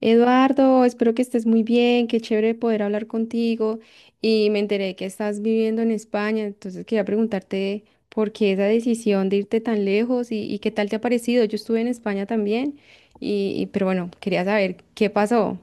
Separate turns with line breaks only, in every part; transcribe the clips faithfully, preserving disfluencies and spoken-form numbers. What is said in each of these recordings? Eduardo, espero que estés muy bien, qué chévere poder hablar contigo y me enteré que estás viviendo en España, entonces quería preguntarte por qué esa decisión de irte tan lejos y, y qué tal te ha parecido. Yo estuve en España también y, y- pero bueno, quería saber qué pasó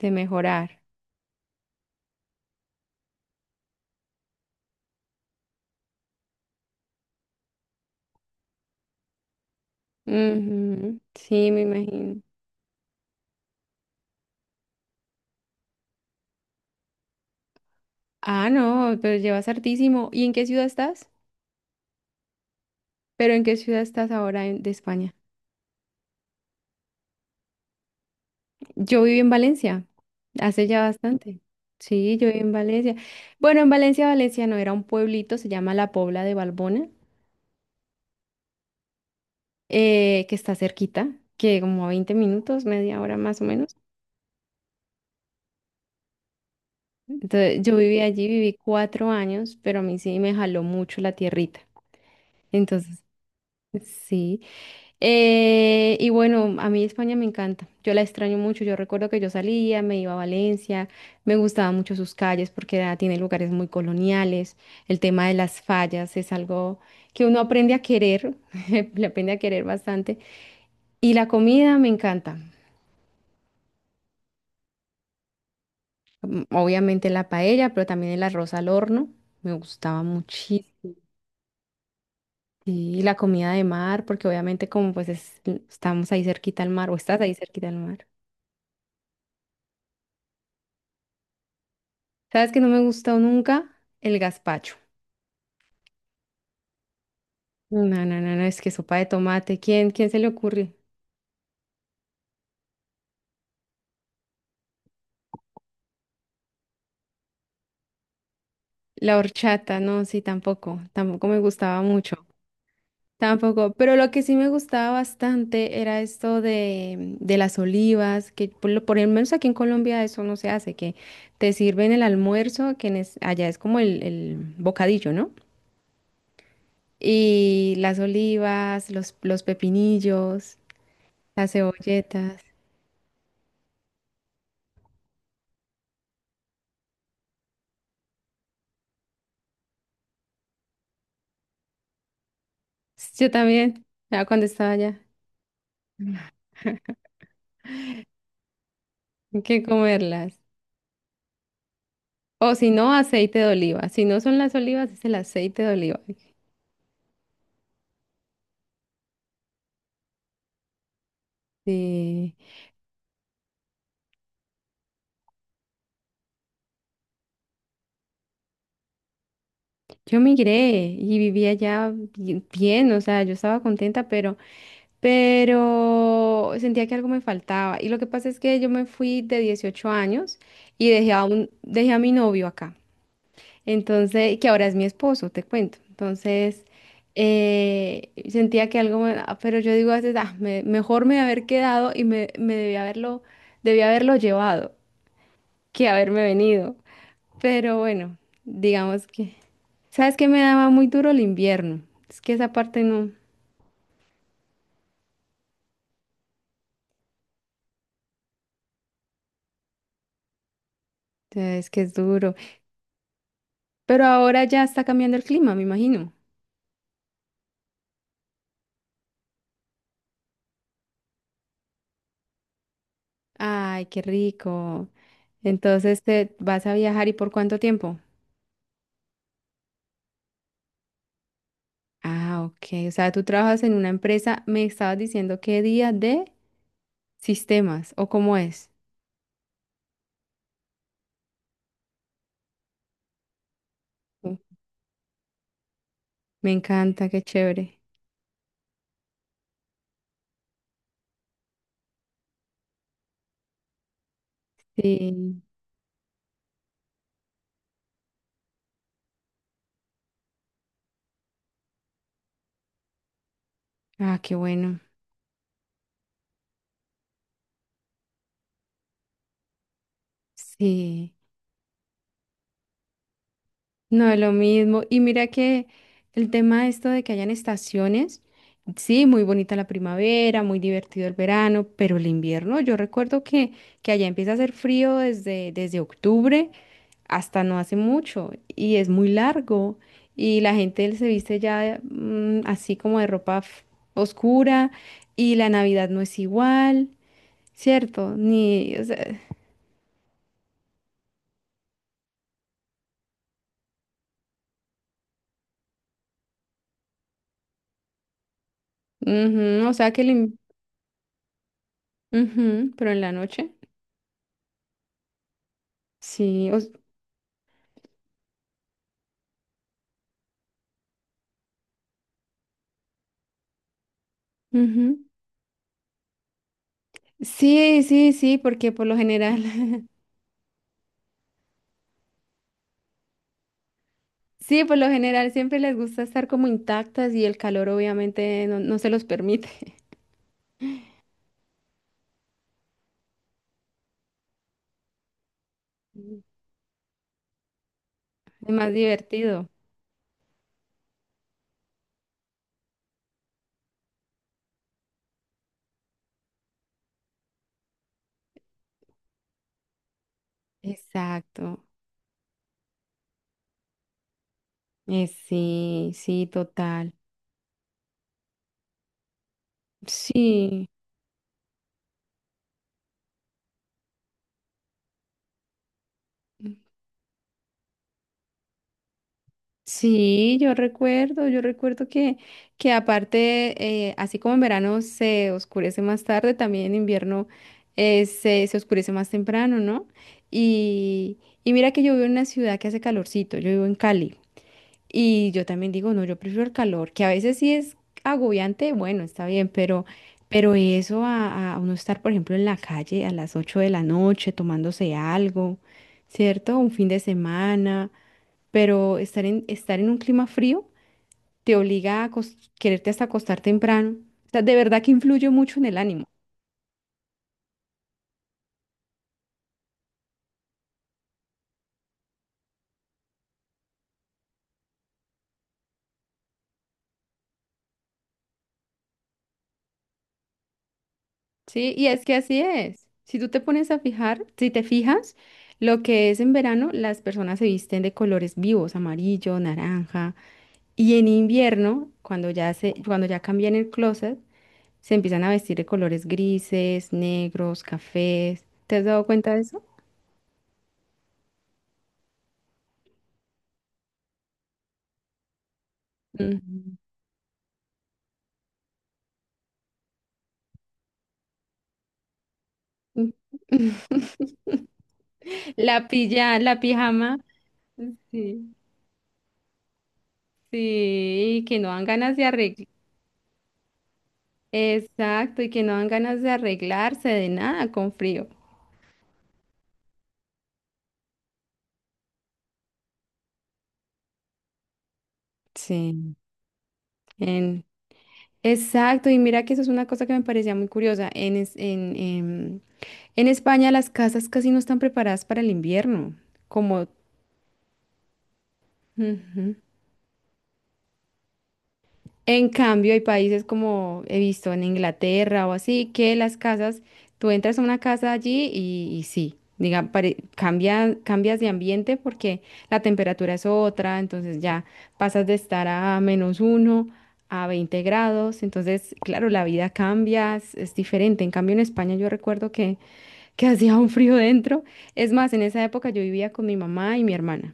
de mejorar. Ujú, sí, me imagino. Ah, no, pero llevas hartísimo. ¿Y en qué ciudad estás? ¿Pero en qué ciudad estás ahora en- de España? Yo viví en Valencia, hace ya bastante. Sí, yo viví en Valencia. Bueno, en Valencia, Valencia no era un pueblito, se llama La Pobla de Valbona, eh, que está cerquita, que como a veinte minutos, media hora más o menos. Entonces, yo viví allí, viví cuatro años, pero a mí sí me jaló mucho la tierrita. Entonces, sí. Eh, y bueno, a mí España me encanta, yo la extraño mucho, yo recuerdo que yo salía, me iba a Valencia, me gustaban mucho sus calles porque era- tiene lugares muy coloniales, el tema de las fallas es algo que uno aprende a querer, le aprende a querer bastante, y la comida me encanta, mm, obviamente la paella, pero también el arroz al horno, me gustaba muchísimo. Y la comida de mar, porque obviamente como pues es- estamos ahí cerquita al mar, o estás ahí cerquita al mar. ¿Sabes que no me gustó nunca? El gazpacho. No, no, no, no, es que sopa de tomate. ¿Quién, quién se le ocurre? La horchata, no, sí, tampoco. Tampoco me gustaba mucho. Tampoco. Pero lo que sí me gustaba bastante era esto de, de las olivas, que por lo, por lo menos aquí en Colombia eso no se hace, que te sirven el almuerzo, que en es- allá es como el, el bocadillo, ¿no? Y las olivas, los, los pepinillos, las cebolletas. Yo también, ya cuando estaba allá. Hay que comerlas. O si no, aceite de oliva. Si no son las olivas, es el aceite de oliva. Sí, yo migré y vivía allá bi- bien, o sea, yo estaba contenta, pero, pero sentía que algo me faltaba. Y lo que pasa es que yo me fui de dieciocho años y dejé a un, dejé a mi novio acá. Entonces, que ahora es mi esposo, te cuento. Entonces, eh, sentía que algo, me- ah, pero yo digo a veces, "Ah, me- mejor me haber quedado y me, me debí haberlo, debí haberlo llevado que haberme venido. Pero bueno, digamos que, ¿sabes qué me daba muy duro el invierno? Es que esa parte no, es que es duro. Pero ahora ya está cambiando el clima, me imagino. Ay, qué rico. Entonces, ¿te vas a viajar y por cuánto tiempo? Ah, ok. O sea, tú trabajas en una empresa, me estabas diciendo qué día de sistemas o cómo es. Uh, Me encanta, qué chévere. Sí. Ah, qué bueno. Sí. No es lo mismo. Y mira que el tema de esto de que hayan estaciones, sí, muy bonita la primavera, muy divertido el verano, pero el invierno, yo recuerdo que, que allá empieza a hacer frío desde, desde octubre, hasta no hace mucho y es muy largo y la gente se viste ya mm, así como de ropa f- oscura y la Navidad no es igual, ¿cierto? Ni, o sea, ujú, o sea que el in- ujú, pero en la noche, sí, o s- ujú. Sí, sí, sí, porque por lo general, sí, por lo general siempre les gusta estar como intactas y el calor obviamente no, no se los permite. Es más divertido. Exacto. Eh, sí, sí, total. Sí, sí, yo recuerdo, yo recuerdo que, que aparte, eh, así como en verano se oscurece más tarde, también en invierno eh, se, se oscurece más temprano, ¿no? Y, y mira que yo vivo en una ciudad que hace calorcito, yo vivo en Cali. Y yo también digo, no, yo prefiero el calor, que a veces sí es agobiante, bueno, está bien, pero, pero eso a, a uno estar, por ejemplo, en la calle a las ocho de la noche tomándose algo, ¿cierto? Un fin de semana, pero estar en, estar en un clima frío te obliga a acos- quererte hasta acostar temprano. O sea, de verdad que influye mucho en el ánimo, ¿sí? Y es que así es. Si tú te pones a fijar, si te fijas, lo que es en verano, las personas se visten de colores vivos, amarillo, naranja. Y en invierno, cuando ya se, cuando ya cambian el closet, se empiezan a vestir de colores grises, negros, cafés. ¿Te has dado cuenta de eso? Mm. Mm. La pilla, la pijama. Sí, sí, y que no dan ganas de arreglar. Exacto, y que no dan ganas de arreglarse de nada con frío. Sí. En, exacto, y mira que eso es una cosa que me parecía muy curiosa. En, es- en, en, en España las casas casi no están preparadas para el invierno, como ujú. En cambio, hay países como he visto en Inglaterra o así, que las casas, tú entras a una casa allí y, y sí, diga, pare- cambia- cambias de ambiente porque la temperatura es otra, entonces ya pasas de estar a menos uno a veinte grados, entonces, claro, la vida cambia, es, es diferente. En cambio, en España yo recuerdo que que hacía un frío dentro. Es más, en esa época yo vivía con mi mamá y mi hermana.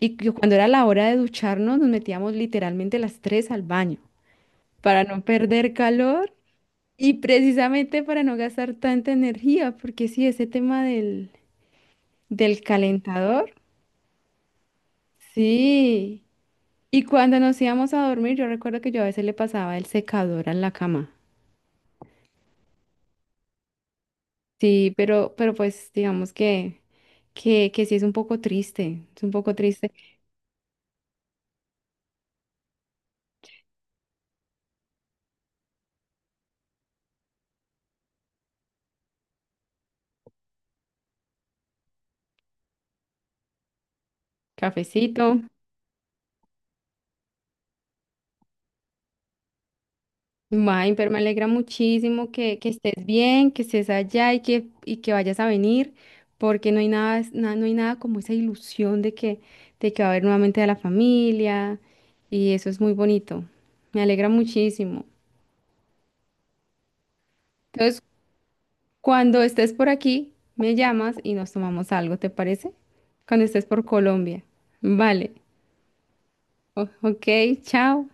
Y que cuando era la hora de ducharnos, nos metíamos literalmente las tres al baño para no perder calor y precisamente para no gastar tanta energía, porque sí, ese tema del, del calentador, sí. Y cuando nos íbamos a dormir, yo recuerdo que yo a veces le pasaba el secador a la cama. Sí, pero, pero pues digamos que, que, que sí es un poco triste, es un poco triste. Cafecito. May, pero me alegra muchísimo que, que estés bien, que estés allá y que, y que vayas a venir, porque no hay nada, na- no hay nada como esa ilusión de que, de que va a haber nuevamente a la familia, y eso es muy bonito. Me alegra muchísimo. Entonces, cuando estés por aquí, me llamas y nos tomamos algo, ¿te parece? Cuando estés por Colombia. Vale. O- ok, chao.